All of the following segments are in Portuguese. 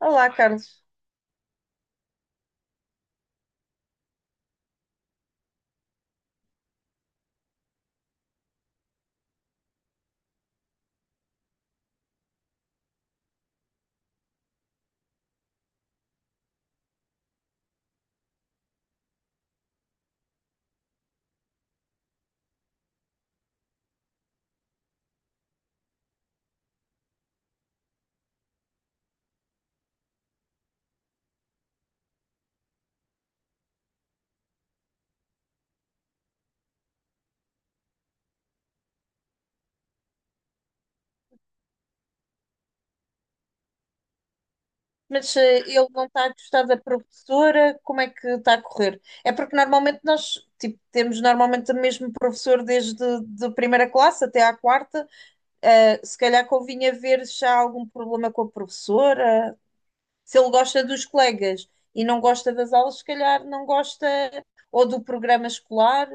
Olá, Carlos. Mas ele não está a gostar da professora, como é que está a correr? É porque normalmente nós, tipo, temos normalmente o mesmo professor desde de primeira classe até à quarta. Se calhar convinha ver se há algum problema com a professora. Se ele gosta dos colegas e não gosta das aulas, se calhar não gosta ou do programa escolar.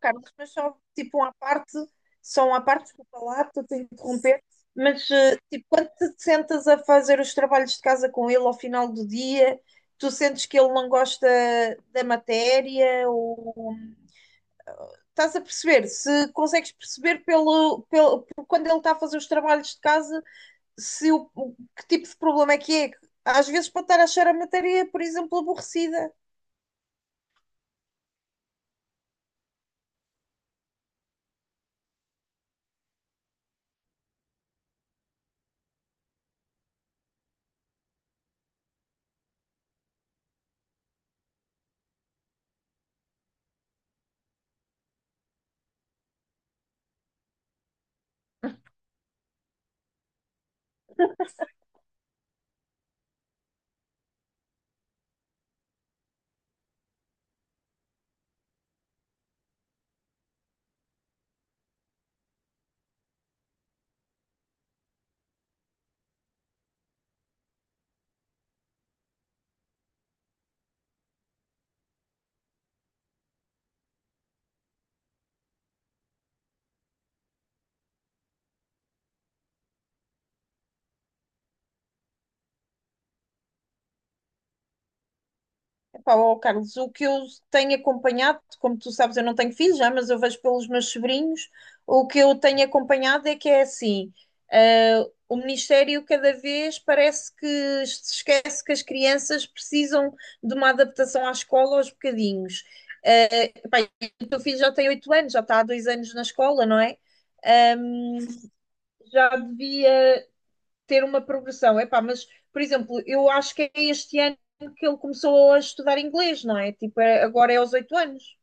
Carlos, mas só tipo uma parte, só uma parte, desculpa lá, estou a te interromper, mas tipo, quando te sentas a fazer os trabalhos de casa com ele ao final do dia, tu sentes que ele não gosta da matéria, ou estás a perceber, se consegues perceber pelo, pelo por quando ele está a fazer os trabalhos de casa, se que tipo de problema é que é. Às vezes pode estar a achar a matéria, por exemplo, aborrecida. Epá, ó, Carlos, o que eu tenho acompanhado, como tu sabes, eu não tenho filhos já, mas eu vejo pelos meus sobrinhos, o que eu tenho acompanhado é que é assim, ah, o Ministério cada vez parece que se esquece que as crianças precisam de uma adaptação à escola aos bocadinhos. Ah, epá, e o teu filho já tem 8 anos, já está há 2 anos na escola, não é? Já devia ter uma progressão. Epá, mas, por exemplo, eu acho que é este ano que ele começou a estudar inglês, não é? Tipo, agora é aos 8 anos.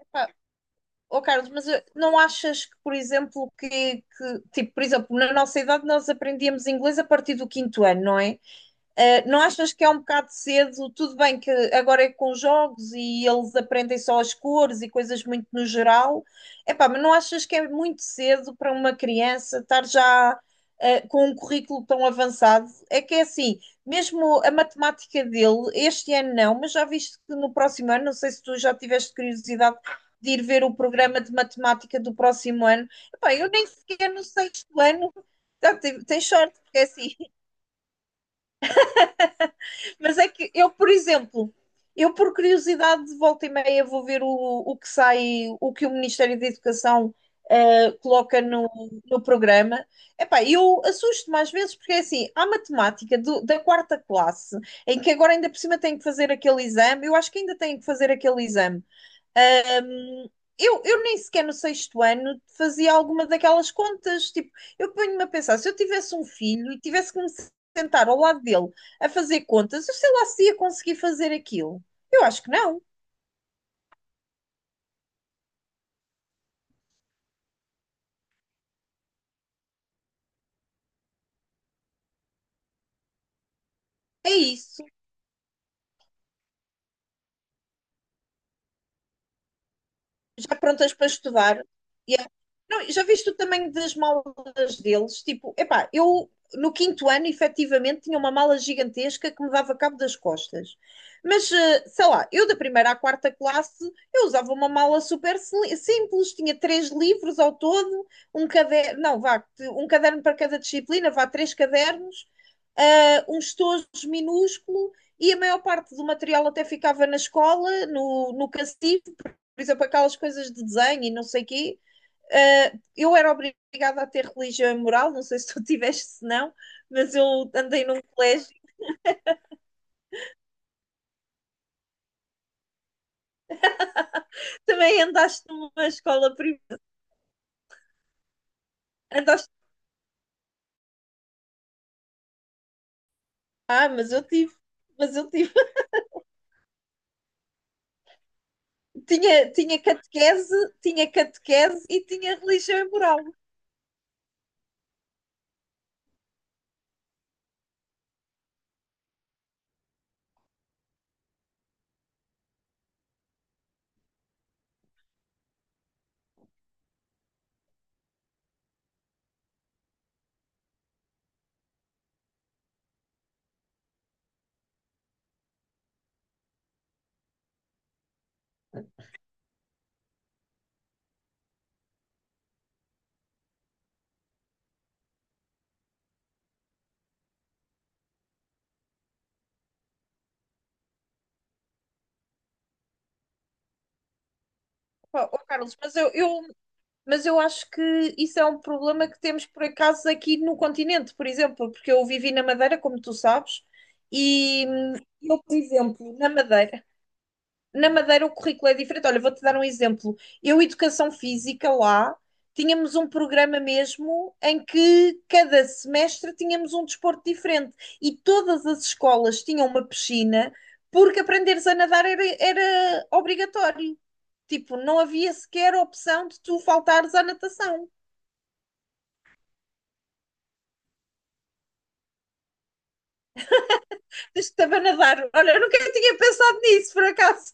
Epá, ó Carlos, mas não achas que, por exemplo, tipo, por exemplo, na nossa idade nós aprendíamos inglês a partir do quinto ano, não é? Não achas que é um bocado cedo? Tudo bem que agora é com jogos e eles aprendem só as cores e coisas muito no geral. Epá, mas não achas que é muito cedo para uma criança estar já com um currículo tão avançado? É que é assim, mesmo a matemática dele, este ano não, mas já viste que no próximo ano, não sei se tu já tiveste curiosidade de ir ver o programa de matemática do próximo ano. Epá, eu nem sequer no sexto ano. Tá, tens sorte, porque é assim, mas é que eu, por exemplo, eu por curiosidade de volta e meia vou ver o que sai, o que o Ministério da Educação coloca no programa. Epá, eu assusto mais vezes porque é assim, há matemática da quarta classe, em que agora ainda por cima tem que fazer aquele exame, eu acho que ainda tem que fazer aquele exame. Ah, eu nem sequer no sexto ano fazia alguma daquelas contas. Tipo, eu ponho-me a pensar, se eu tivesse um filho e tivesse que me sentar ao lado dele a fazer contas, eu sei lá se ia conseguir fazer aquilo. Eu acho que não. É isso. Já prontas para estudar. E é- Não, já viste o tamanho das malas deles? Tipo, epá, eu no quinto ano, efetivamente, tinha uma mala gigantesca que me dava cabo das costas. Mas, sei lá, eu da primeira à quarta classe, eu usava uma mala super simples, tinha três livros ao todo, um caderno, não, vá, um caderno para cada disciplina, vá, três cadernos, ah, um estojo minúsculo, e a maior parte do material até ficava na escola, no cacifo, por exemplo, aquelas coisas de desenho e não sei o quê, eu era obrigada a ter religião e moral, não sei se tu tiveste, se não, mas eu andei num colégio, também andaste numa escola privada, andaste, ah, mas eu tive, tinha, tinha catequese, tinha catequese e tinha religião e moral. Oh, Carlos, mas eu acho que isso é um problema que temos por acaso aqui no continente, por exemplo, porque eu vivi na Madeira, como tu sabes, e eu, por exemplo, na Madeira, o currículo é diferente. Olha, vou-te dar um exemplo. Eu, Educação Física, lá, tínhamos um programa mesmo em que cada semestre tínhamos um desporto diferente e todas as escolas tinham uma piscina porque aprenderes a nadar era obrigatório. Tipo, não havia sequer opção de tu faltares à natação. Estava a nadar. Olha, eu nunca tinha pensado nisso, por acaso.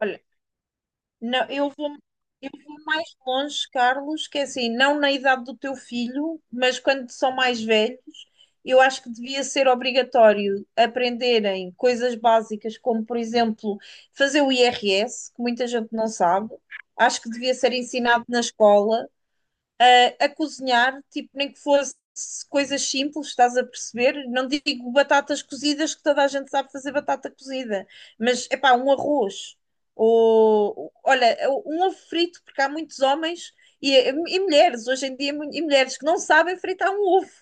Olha, não, eu vou mais longe, Carlos, que é assim, não na idade do teu filho, mas quando são mais velhos, eu acho que devia ser obrigatório aprenderem coisas básicas, como, por exemplo, fazer o IRS, que muita gente não sabe. Acho que devia ser ensinado na escola, a cozinhar, tipo, nem que fosse coisas simples, estás a perceber? Não digo batatas cozidas, que toda a gente sabe fazer batata cozida, mas é pá, um arroz. Ou, olha, um ovo frito, porque há muitos homens e, e mulheres, hoje em dia, e mulheres que não sabem fritar um ovo.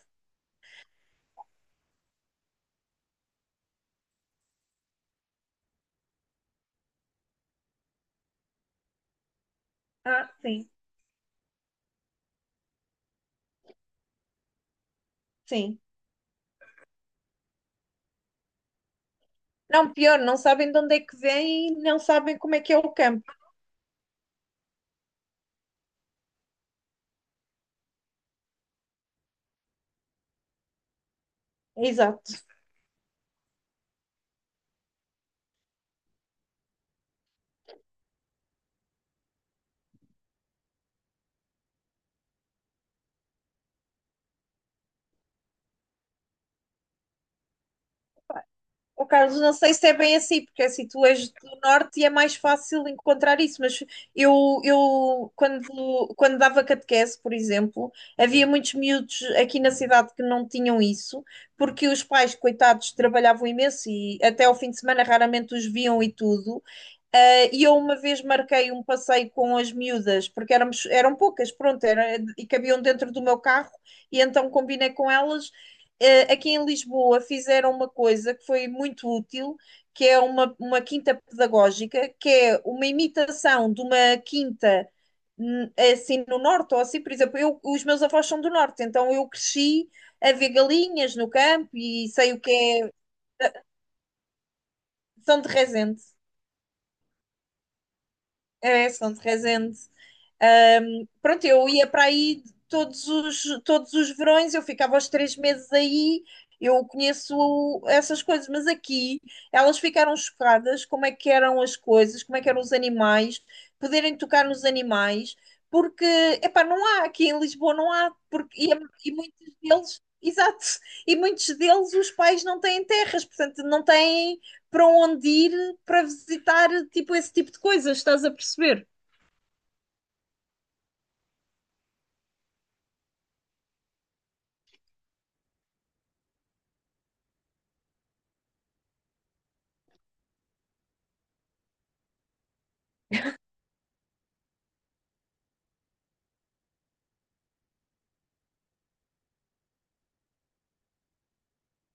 Ah, sim, sim. Não, pior, não sabem de onde é que vem e não sabem como é que é o campo. Exato. Oh, Carlos, não sei se é bem assim, porque assim tu és do norte e é mais fácil encontrar isso, mas eu quando, dava catequese, por exemplo, havia muitos miúdos aqui na cidade que não tinham isso, porque os pais, coitados, trabalhavam imenso e até ao fim de semana raramente os viam e tudo. E eu uma vez marquei um passeio com as miúdas, porque éramos, eram poucas, pronto, era, e cabiam dentro do meu carro, e então combinei com elas. Aqui em Lisboa fizeram uma coisa que foi muito útil, que é uma quinta pedagógica, que é uma imitação de uma quinta assim no norte, ou assim, por exemplo, eu, os meus avós são do norte, então eu cresci a ver galinhas no campo e sei o que é. São de Resende, são de Resende. Pronto, eu ia para aí todos os verões, eu ficava os 3 meses aí, eu conheço essas coisas, mas aqui elas ficaram chocadas como é que eram as coisas, como é que eram os animais, poderem tocar nos animais, porque, epá, não há, aqui em Lisboa não há, porque, e muitos exato, e muitos deles os pais não têm terras, portanto não têm para onde ir para visitar, tipo, esse tipo de coisas, estás a perceber?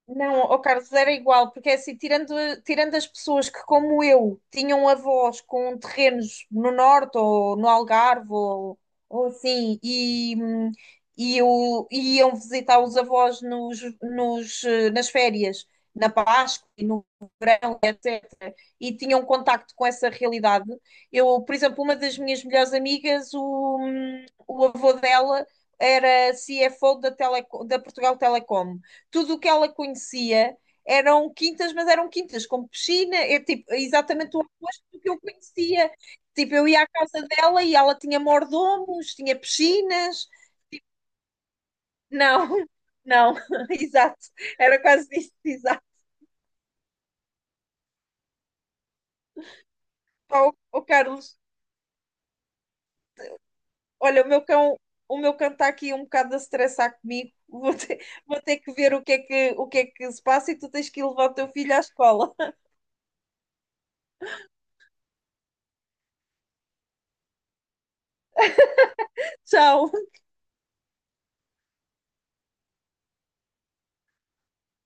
Não, ó Carlos, era igual, porque é assim, tirando as pessoas que, como eu, tinham avós com terrenos no norte ou no Algarve ou assim, e iam visitar os avós nas férias, na Páscoa e no verão, etc., e tinham contacto com essa realidade. Eu, por exemplo, uma das minhas melhores amigas, o avô dela era CFO da Portugal Telecom. Tudo o que ela conhecia eram quintas, mas eram quintas com piscina, é tipo, é exatamente o oposto do que eu conhecia. Tipo, eu ia à casa dela e ela tinha mordomos, tinha piscinas. Não, não, exato. Era quase isso, exato. Ó, Carlos, olha, o meu cão está aqui um bocado a estressar comigo. Vou ter que ver o que é que se passa e tu tens que ir levar o teu filho à escola. Tchau.